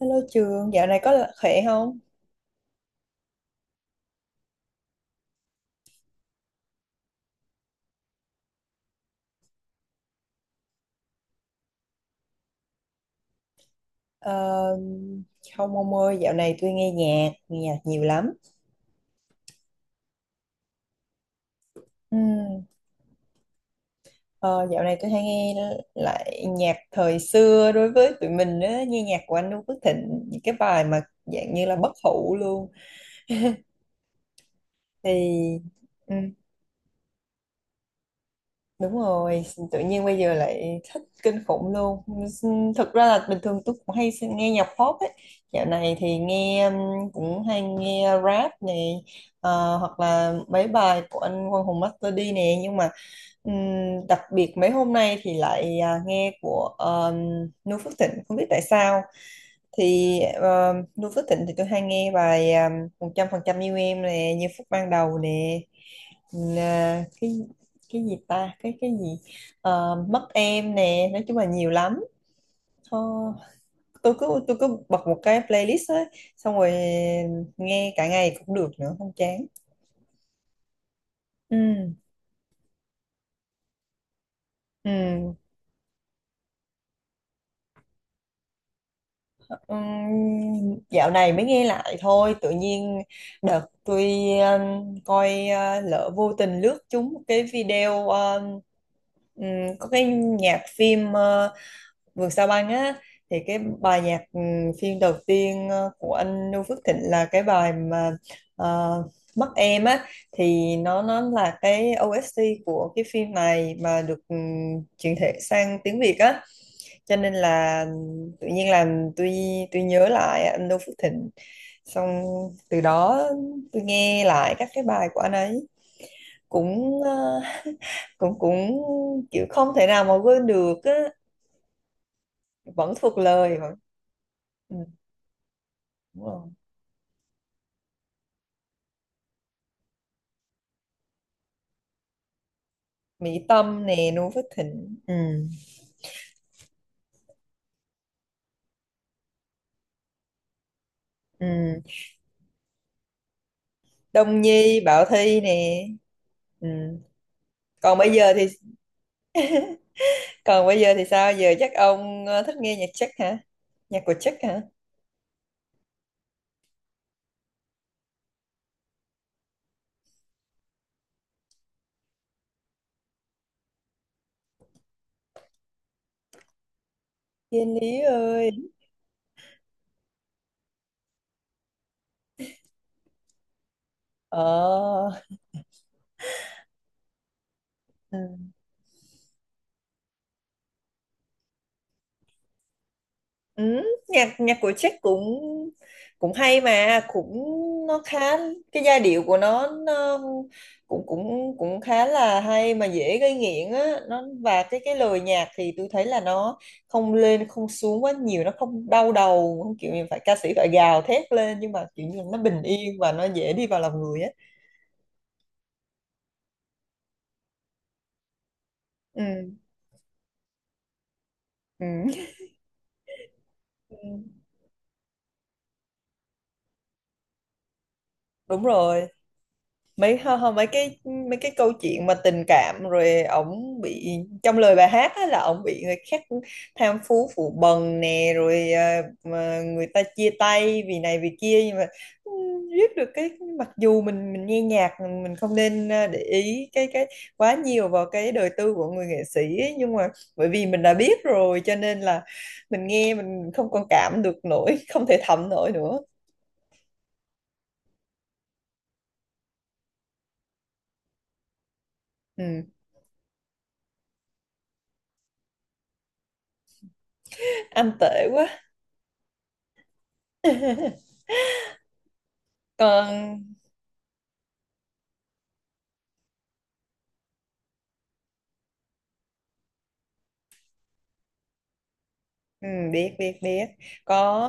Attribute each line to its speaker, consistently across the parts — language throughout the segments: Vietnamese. Speaker 1: Hello Trường, dạo này có khỏe không? Ờ, không ông ơi, dạo này tôi nghe nhạc nhiều lắm. Ừm, ờ, dạo này tôi hay nghe lại nhạc thời xưa đối với tụi mình á, nghe nhạc của anh Noo Phước Thịnh, những cái bài mà dạng như là bất hủ luôn. Thì ừ, đúng rồi, tự nhiên bây giờ lại thích kinh khủng luôn. Thực ra là bình thường tôi cũng hay nghe nhạc pop ấy. Dạo này thì nghe cũng hay nghe rap này, hoặc là mấy bài của anh Quang Hùng Master D nè. Nhưng mà đặc biệt mấy hôm nay thì lại nghe của Noo Phước Thịnh, không biết tại sao. Thì Noo Phước Thịnh thì tôi hay nghe bài 100% yêu em nè, như phút ban đầu nè, là cái gì ta, cái gì. Mất em nè, nói chung là nhiều lắm. Thôi, tôi cứ bật một cái playlist ấy, xong rồi nghe cả ngày cũng được nữa, không chán. Ừ. Ừ. Dạo này mới nghe lại thôi, tự nhiên đợt tôi coi, lỡ vô tình lướt trúng một cái video, ừm, có cái nhạc phim Vườn Sao Băng á, thì cái bài nhạc phim đầu tiên của anh Noo Phước Thịnh là cái bài mà ờ, Mắt Em á, thì nó là cái OST của cái phim này, mà được chuyển thể sang tiếng Việt á, cho nên là tự nhiên làm tôi nhớ lại anh Noo Phước Thịnh. Xong từ đó tôi nghe lại các cái bài của anh ấy, cũng cũng cũng kiểu không thể nào mà quên được á, vẫn thuộc lời vẫn. ừ, Đúng rồi. Mỹ Tâm nè, Noo Phước Thịnh, ừ. Ừ. Đông Nhi Bảo Thy nè. Ừ. còn bây giờ thì Còn bây giờ thì sao? Giờ chắc ông thích nghe nhạc Czech hả? Nhạc của Czech hả? Thiên Lý ơi. ờ ừ. Ừ, nhạc nhạc của Jack cũng cũng hay mà cũng, nó khá, cái giai điệu của nó cũng cũng cũng khá là hay mà dễ gây nghiện á, nó và cái lời nhạc thì tôi thấy là nó không lên không xuống quá nhiều, nó không đau đầu, không kiểu như phải ca sĩ phải gào thét lên, nhưng mà kiểu như nó bình yên và nó dễ đi vào lòng người á. Ừ. Ừ. Ừ. Đúng rồi, mấy hơ hơ, mấy cái câu chuyện mà tình cảm, rồi ổng bị, trong lời bài hát á, là ổng bị người khác tham phú phụ bần nè, rồi mà người ta chia tay vì này vì kia, nhưng mà ừ, viết được cái, mặc dù mình nghe nhạc, mình không nên để ý cái quá nhiều vào cái đời tư của người nghệ sĩ ấy, nhưng mà bởi vì mình đã biết rồi, cho nên là mình nghe mình không còn cảm được nổi, không thể thẩm nổi nữa. Ừ, anh tệ quá. còn. Ừ, biết biết biết, có.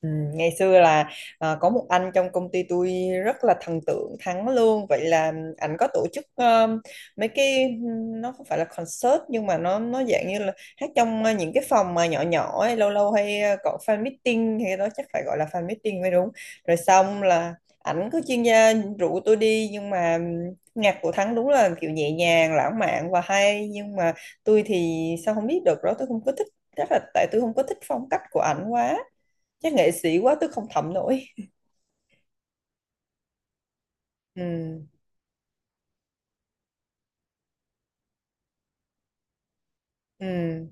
Speaker 1: Ừ, ngày xưa là, có một anh trong công ty tôi rất là thần tượng Thắng luôn. Vậy là anh có tổ chức mấy cái, nó không phải là concert nhưng mà nó dạng như là hát trong những cái phòng mà nhỏ nhỏ ấy, lâu lâu hay có fan meeting hay đó, chắc phải gọi là fan meeting mới đúng. Rồi xong là ảnh cứ chuyên gia rủ tôi đi, nhưng mà nhạc của Thắng đúng là kiểu nhẹ nhàng lãng mạn và hay, nhưng mà tôi thì sao không biết được đó, tôi không có thích, chắc là tại tôi không có thích phong cách của ảnh quá, chắc nghệ sĩ quá tôi không thẩm nổi. Ừ. Ừ.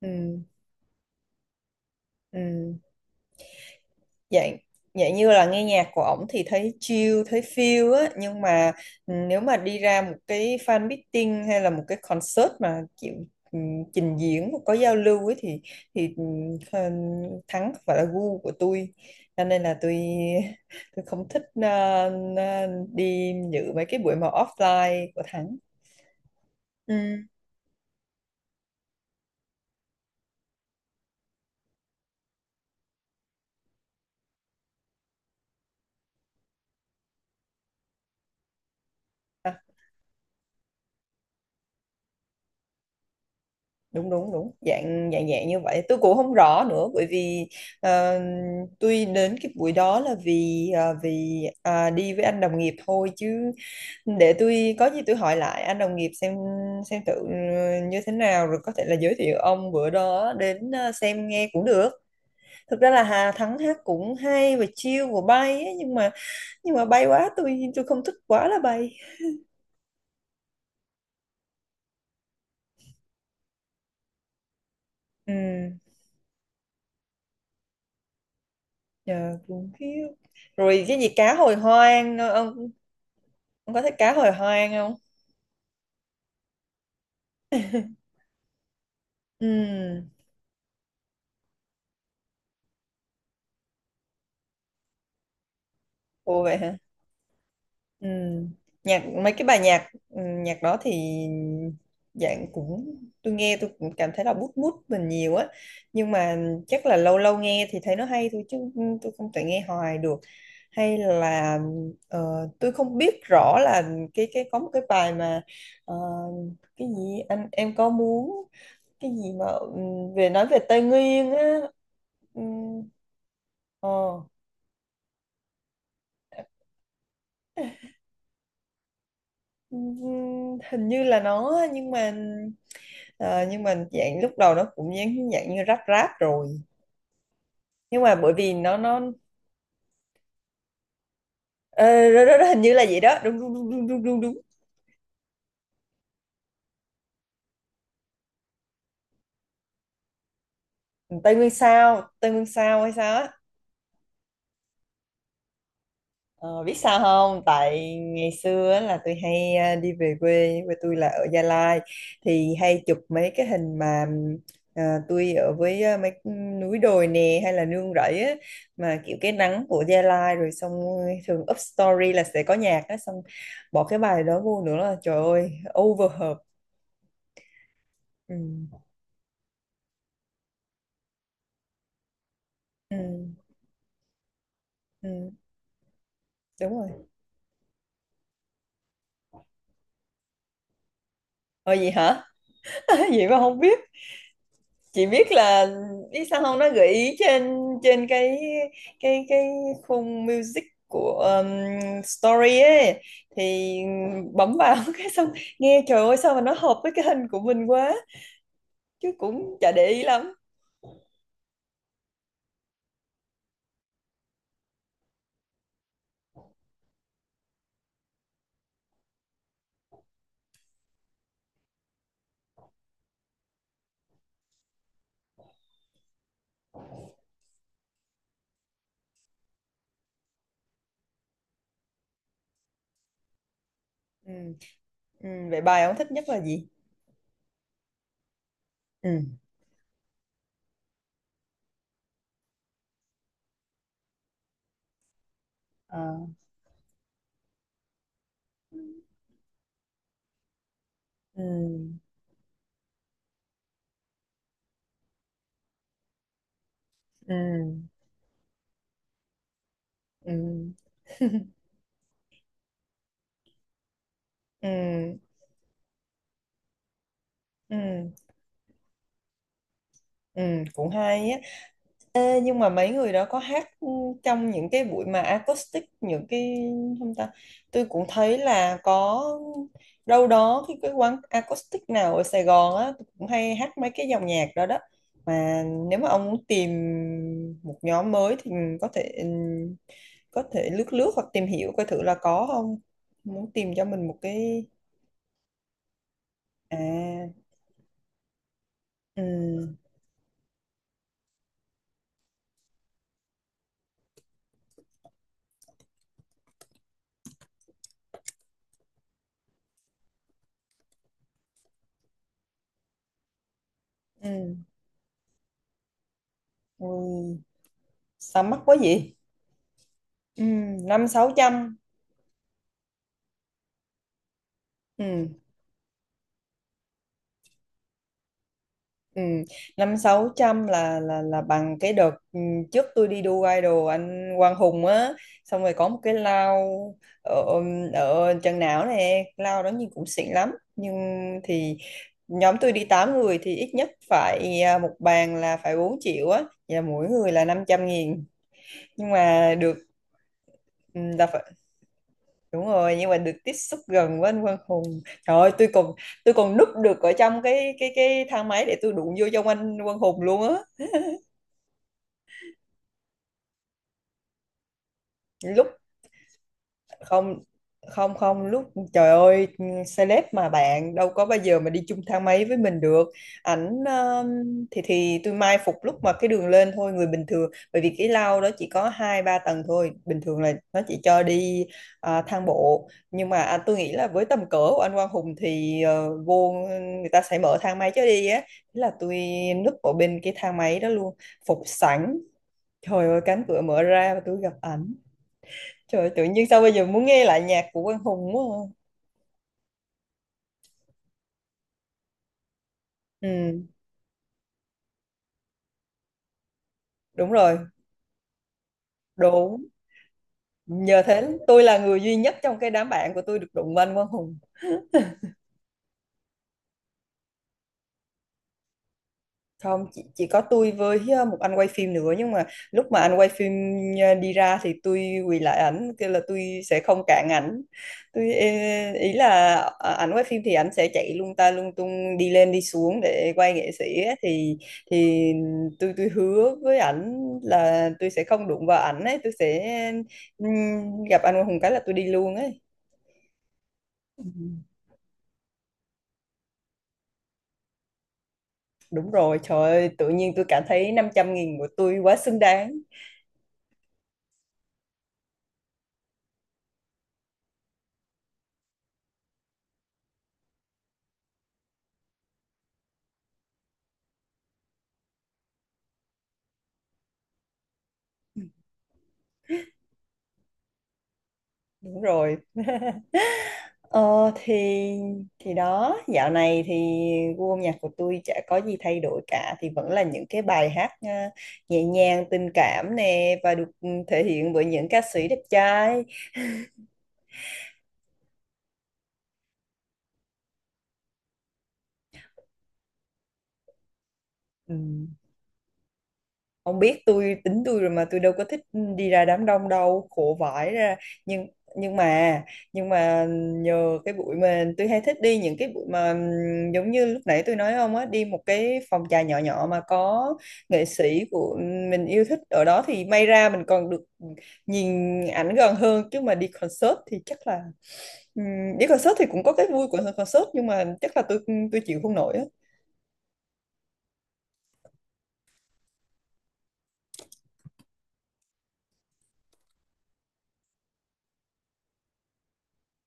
Speaker 1: Ừ. Ừ. Dạng, như là nghe nhạc của ổng thì thấy chill thấy feel á, nhưng mà nếu mà đi ra một cái fan meeting hay là một cái concert mà chịu ừ, trình diễn có giao lưu ấy, thì thì ừ, Thắng không phải là gu của tôi, cho nên là tôi không thích ờ, đi dự mấy cái buổi mà offline của Thắng. Ừ, đúng đúng đúng, dạng dạng dạng như vậy, tôi cũng không rõ nữa, bởi vì ờ, tôi đến cái buổi đó là vì đi với anh đồng nghiệp thôi, chứ để tôi có gì tôi hỏi lại anh đồng nghiệp xem thử như thế nào, rồi có thể là giới thiệu ông bữa đó đến xem nghe cũng được. Thực ra là Hà Thắng hát cũng hay và chill và bay ấy, nhưng mà bay quá, tôi không thích quá là bay. Ừ, yeah, cũng khiếp. Rồi cái gì cá hồi hoang ông. Ông có thích cá hồi hoang không? Ừ, ồ vậy hả? Ừ. Nhạc mấy cái bài nhạc nhạc đó thì dạng, cũng tôi nghe tôi cũng cảm thấy là bút bút mình nhiều á, nhưng mà chắc là lâu lâu nghe thì thấy nó hay thôi, chứ tôi không thể nghe hoài được. Hay là tôi không biết rõ là cái có một cái bài mà ờ, cái gì anh em có muốn, cái gì mà về nói về Tây Nguyên á. Ừ. Ờ. Hình như là nó, nhưng mà ờ, nhưng mà dạng lúc đầu nó cũng dạng, như ráp, rồi, nhưng mà bởi vì nó ờ, đó, đó, đó, hình như là vậy đó, đúng đúng đúng đúng đúng đúng đúng. Tây Nguyên sao, Tây Nguyên sao hay sao á. Ờ, biết sao không? Tại ngày xưa á là tôi hay đi về quê, quê tôi là ở Gia Lai, thì hay chụp mấy cái hình mà tôi ở với mấy núi đồi nè, hay là nương rẫy á, mà kiểu cái nắng của Gia Lai. Rồi xong thường up story là sẽ có nhạc á, xong bỏ cái bài đó vô nữa là trời ơi, over hợp. Ừ, ừ, ừ, đúng rồi. Ờ gì hả? Vậy mà không biết. Chị biết là, biết sao không, nó gợi ý trên, trên cái cái khung music của story ấy, thì bấm vào, cái xong nghe trời ơi sao mà nó hợp với cái hình của mình quá, chứ cũng chả để ý lắm. Ừ. Ừ. Vậy bài ông thích nhất là gì? Ừ. Ờ. Ừ. Ừ. Ừ. ừ. Ừ. Ừ. Cũng hay á. Ê, nhưng mà mấy người đó có hát trong những cái buổi mà acoustic, những cái, không ta, tôi cũng thấy là có, đâu đó cái quán acoustic nào ở Sài Gòn á, tôi cũng hay hát mấy cái dòng nhạc đó đó, mà nếu mà ông muốn tìm một nhóm mới thì có thể, có thể lướt lướt hoặc tìm hiểu coi thử là có không, muốn tìm cho mình một cái. À. Ừ. Ừ. Ừ. Sao mắc quá vậy? Ừ, năm sáu trăm. Ừ. Ừ, năm sáu trăm là bằng cái đợt trước tôi đi đua idol anh Quang Hùng á, xong rồi có một cái lao ở, ở Trần Não nè, lao đó nhìn cũng xịn lắm, nhưng thì nhóm tôi đi 8 người thì ít nhất phải một bàn là phải 4 triệu á, vậy là mỗi người là 500 nghìn, nhưng mà được ừ, là phải. Đúng rồi, nhưng mà được tiếp xúc gần với anh Quang Hùng, trời ơi, tôi còn núp được ở trong cái thang máy để tôi đụng vô trong anh Quang Hùng luôn á. Lúc, không, không, không. Lúc, trời ơi, celeb mà bạn đâu có bao giờ mà đi chung thang máy với mình được. Ảnh thì tôi mai phục lúc mà cái đường lên thôi, người bình thường, bởi vì cái lao đó chỉ có hai ba tầng thôi, bình thường là nó chỉ cho đi thang bộ, nhưng mà tôi nghĩ là với tầm cỡ của anh Quang Hùng thì vô người ta sẽ mở thang máy cho đi á. Thế là tôi núp ở bên cái thang máy đó luôn, phục sẵn. Trời ơi, cánh cửa mở ra và tôi gặp ảnh. Trời ơi, tự nhiên sao bây giờ muốn nghe lại nhạc của Quang Hùng quá à. Ừ, đúng rồi, đúng. Nhờ thế tôi là người duy nhất trong cái đám bạn của tôi được đụng vào anh Quang Hùng. Không, chỉ có tôi với một anh quay phim nữa, nhưng mà lúc mà anh quay phim đi ra thì tôi quỳ lại ảnh kêu là tôi sẽ không cản ảnh, tôi ý là ảnh quay phim thì ảnh sẽ chạy lung ta lung tung đi lên đi xuống để quay nghệ sĩ á, thì thì tôi hứa với ảnh là tôi sẽ không đụng vào ảnh ấy, tôi sẽ gặp anh Hùng cái là tôi đi luôn ấy. Ừ, đúng rồi, trời ơi, tự nhiên tôi cảm thấy 500 nghìn của tôi quá xứng đáng. Đúng rồi. Ờ thì đó, dạo này thì gu âm nhạc của tôi chả có gì thay đổi cả, thì vẫn là những cái bài hát nhẹ nhàng tình cảm nè và được thể hiện bởi những ca sĩ đẹp trai. Ừ. Ông biết tôi, tính tôi rồi mà, tôi đâu có thích đi ra đám đông đâu, khổ vãi ra. Nhưng nhưng mà nhưng mà nhờ cái buổi mà tôi hay thích đi những cái buổi mà giống như lúc nãy tôi nói ông á, đi một cái phòng trà nhỏ nhỏ mà có nghệ sĩ của mình yêu thích ở đó, thì may ra mình còn được nhìn ảnh gần hơn, chứ mà đi concert thì chắc là đi concert thì cũng có cái vui của concert, nhưng mà chắc là tôi chịu không nổi á.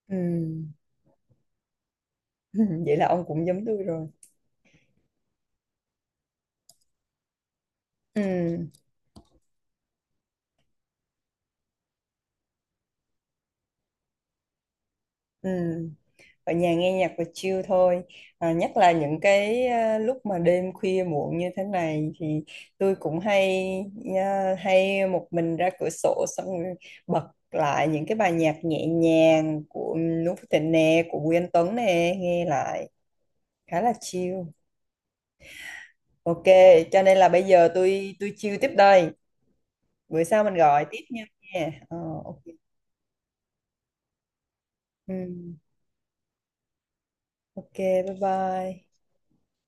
Speaker 1: Ừm. Vậy là ông cũng giống tôi rồi. Ừm. Ừm. Ở nhà nghe nhạc và chill thôi, nhất là những cái, lúc mà đêm khuya muộn như thế này thì tôi cũng hay, hay một mình ra cửa sổ xong rồi bật lại những cái bài nhạc nhẹ nhàng của Noo Phước Thịnh nè, của Bùi Anh Tuấn nè, nghe lại khá là chill. Ok. Cho nên là bây giờ tôi chill tiếp đây, bữa sau mình gọi tiếp nha. Nha. Ờ, ok. Ừ, ok, bye bye.